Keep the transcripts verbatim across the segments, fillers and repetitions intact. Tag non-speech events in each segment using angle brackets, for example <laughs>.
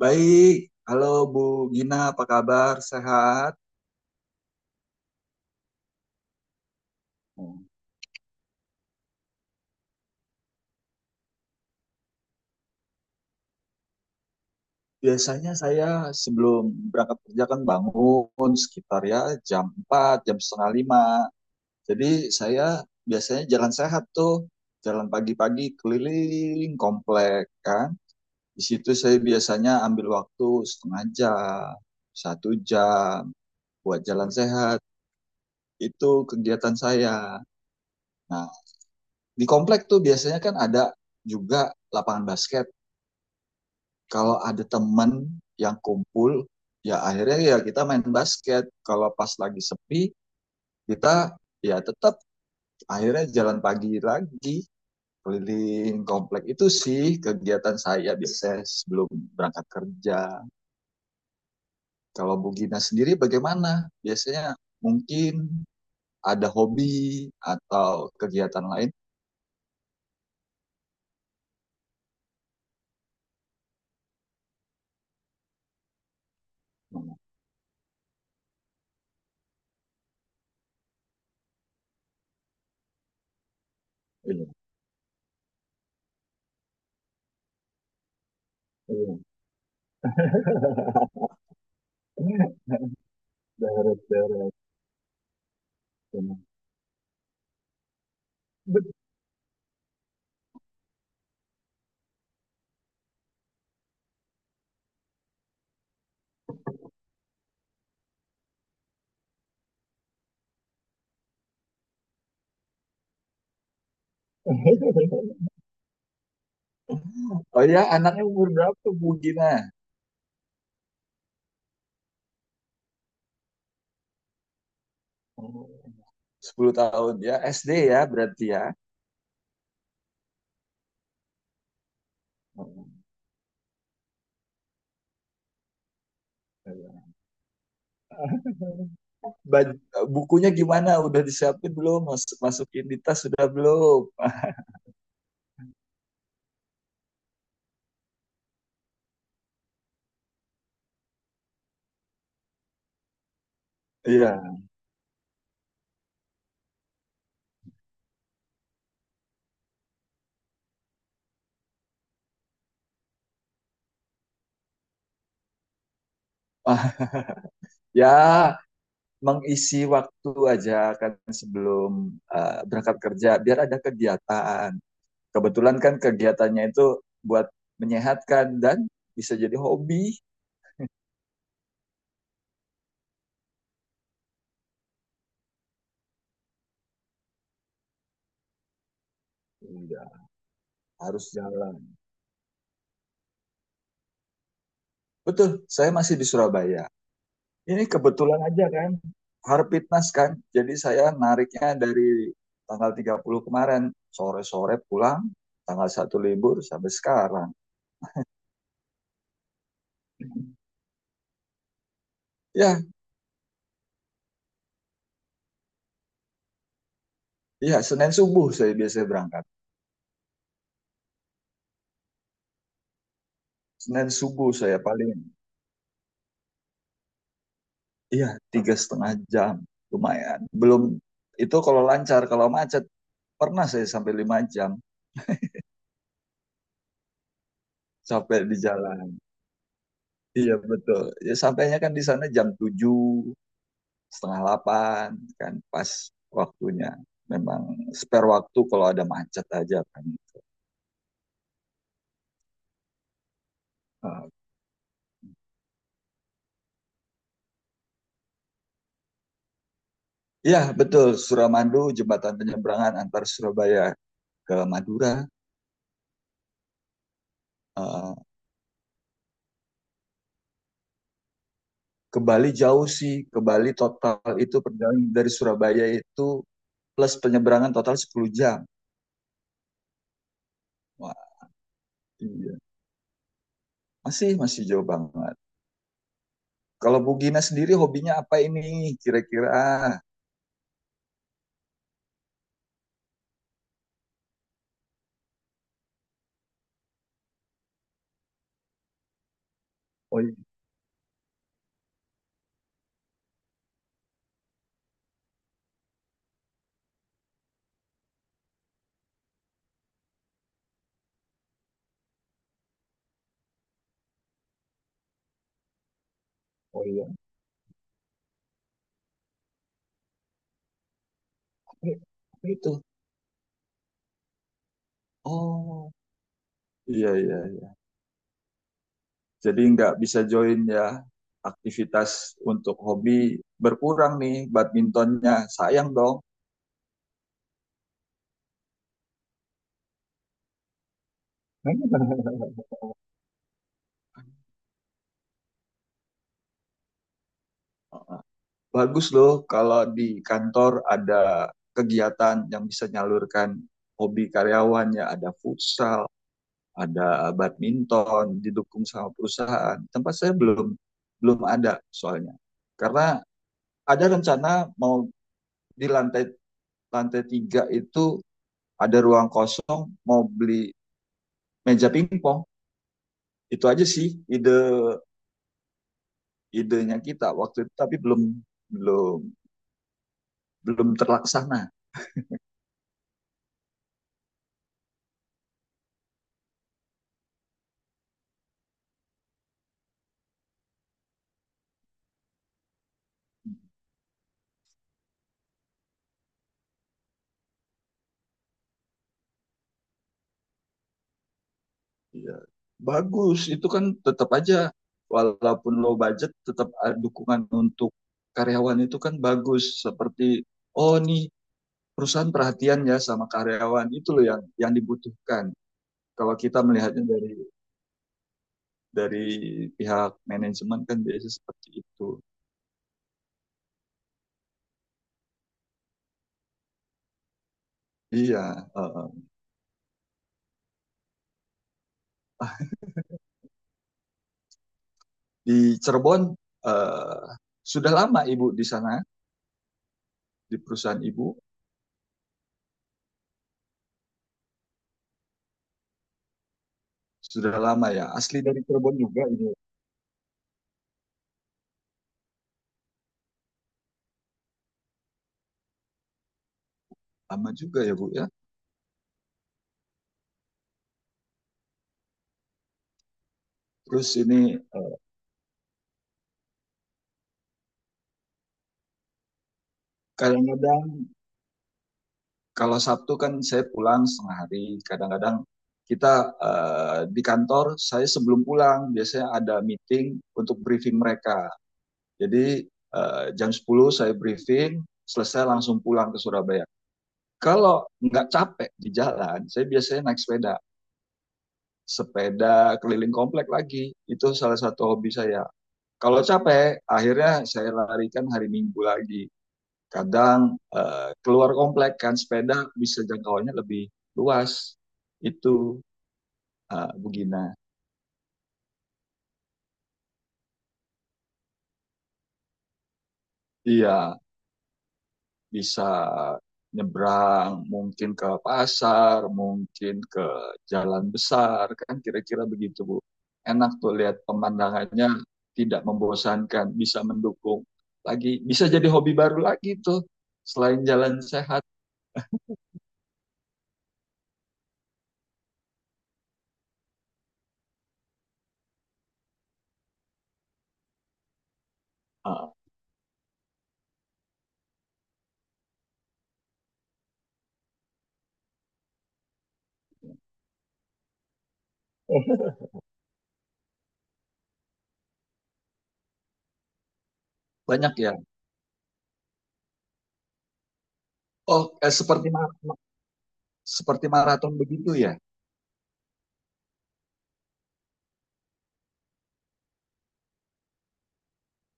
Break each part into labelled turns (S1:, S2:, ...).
S1: Baik, halo Bu Gina, apa kabar? Sehat? Biasanya saya sebelum berangkat kerja kan bangun sekitar ya jam empat, jam setengah lima. Jadi saya biasanya jalan sehat tuh, jalan pagi-pagi keliling komplek kan. Di situ saya biasanya ambil waktu setengah jam, satu jam buat jalan sehat. Itu kegiatan saya. Nah, di komplek tuh biasanya kan ada juga lapangan basket kalau ada teman yang kumpul ya akhirnya ya kita main basket kalau pas lagi sepi kita ya tetap akhirnya jalan pagi lagi keliling komplek itu sih kegiatan saya biasanya sebelum berangkat kerja. Kalau Bu Gina sendiri bagaimana, biasanya mungkin ada hobi atau kegiatan lain? <laughs> Hmm, iya, iya. <laughs> Deret, deret. Oh ya, anaknya umur berapa Bu Gina? Oh, sepuluh tahun ya, S D ya berarti ya. Oh, iya. Baj- Bukunya gimana? Udah disiapin belum? Mas- masukin di tas sudah belum? Ah, iya. Ah, ya, mengisi waktu aja kan sebelum eh, berangkat kerja biar ada kegiatan. Kebetulan kan kegiatannya itu buat menyehatkan dan bisa jadi hobi. Iya, harus jalan. Betul, saya masih di Surabaya. Ini kebetulan aja kan, Harpitnas kan. Jadi saya nariknya dari tanggal tiga puluh kemarin, sore-sore pulang, tanggal satu libur sampai sekarang. Ya, iya Senin subuh saya biasanya berangkat. Senin subuh saya paling, iya tiga setengah jam, lumayan. Belum, itu kalau lancar, kalau macet pernah saya sampai lima jam sampai di jalan. Iya betul. Ya sampainya kan di sana jam tujuh, setengah delapan, kan pas waktunya memang spare waktu kalau ada macet aja kan. uh, Ya betul, Suramadu jembatan penyeberangan antar Surabaya ke Madura. uh, ke Bali jauh sih, ke Bali total itu perjalanan dari Surabaya itu plus penyeberangan total sepuluh jam. Wah, iya, masih masih jauh banget. Kalau Bu Gina sendiri hobinya apa ini kira-kira? Oh iya, oh iya itu, oh iya iya iya. Jadi nggak bisa join ya aktivitas, untuk hobi berkurang nih badmintonnya, sayang dong. <laughs> Bagus loh kalau di kantor ada kegiatan yang bisa nyalurkan hobi karyawannya, ada futsal ada badminton didukung sama perusahaan. Tempat saya belum belum ada soalnya, karena ada rencana mau di lantai lantai tiga itu ada ruang kosong mau beli meja pingpong. Itu aja sih ide idenya kita waktu itu, tapi belum belum belum terlaksana. Ya, bagus itu kan tetap aja walaupun low budget, tetap eh, dukungan untuk karyawan itu kan bagus. Seperti, oh nih perusahaan perhatian ya sama karyawan, itu loh yang yang dibutuhkan kalau kita melihatnya dari dari pihak manajemen kan biasanya seperti itu. Iya. uh, di Cirebon eh, sudah lama ibu di sana, di perusahaan ibu? Sudah lama ya, asli dari Cirebon juga ini? Lama juga ya bu ya. Terus ini eh, kadang-kadang kalau Sabtu kan saya pulang setengah hari. Kadang-kadang kita eh, di kantor saya sebelum pulang biasanya ada meeting untuk briefing mereka. Jadi eh, jam sepuluh saya briefing, selesai langsung pulang ke Surabaya. Kalau nggak capek di jalan, saya biasanya naik sepeda, sepeda keliling komplek lagi. Itu salah satu hobi saya. Kalau capek, akhirnya saya larikan hari Minggu lagi. Kadang eh, keluar komplek kan sepeda bisa jangkauannya lebih luas. Itu eh, Bugina. Iya, bisa nyebrang, mungkin ke pasar, mungkin ke jalan besar, kan kira-kira begitu Bu. Enak tuh lihat pemandangannya, tidak membosankan, bisa mendukung. Lagi bisa jadi hobi baru lagi tuh selain jalan sehat. Ah, banyak ya. Oh, eh, seperti ma- seperti maraton begitu ya.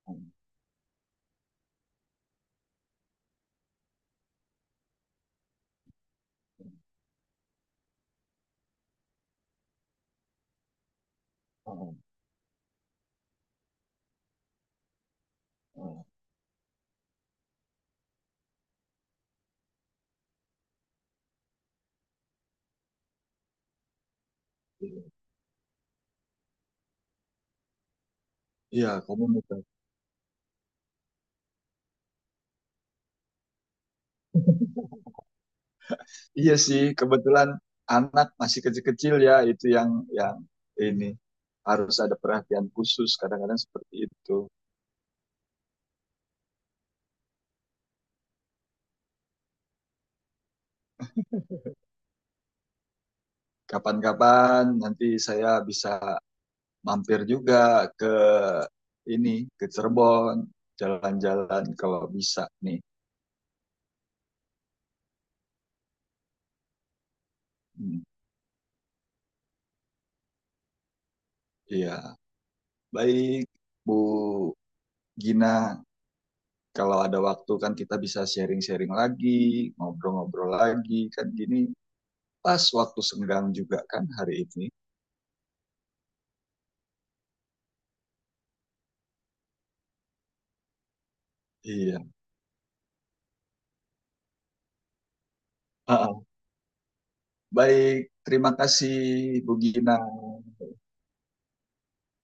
S1: Hmm, hmm, hmm, hmm. Iya, komunitas. Iya sih, kebetulan anak masih kecil-kecil ya, itu yang yang ini harus ada perhatian khusus kadang-kadang seperti itu. Kapan-kapan nanti saya bisa mampir juga ke ini ke Cirebon, jalan-jalan kalau bisa nih. Hmm, iya, baik Bu Gina, kalau ada waktu kan kita bisa sharing-sharing lagi, ngobrol-ngobrol lagi kan gini pas waktu senggang juga kan hari ini. Iya, baik, terima kasih bu gina.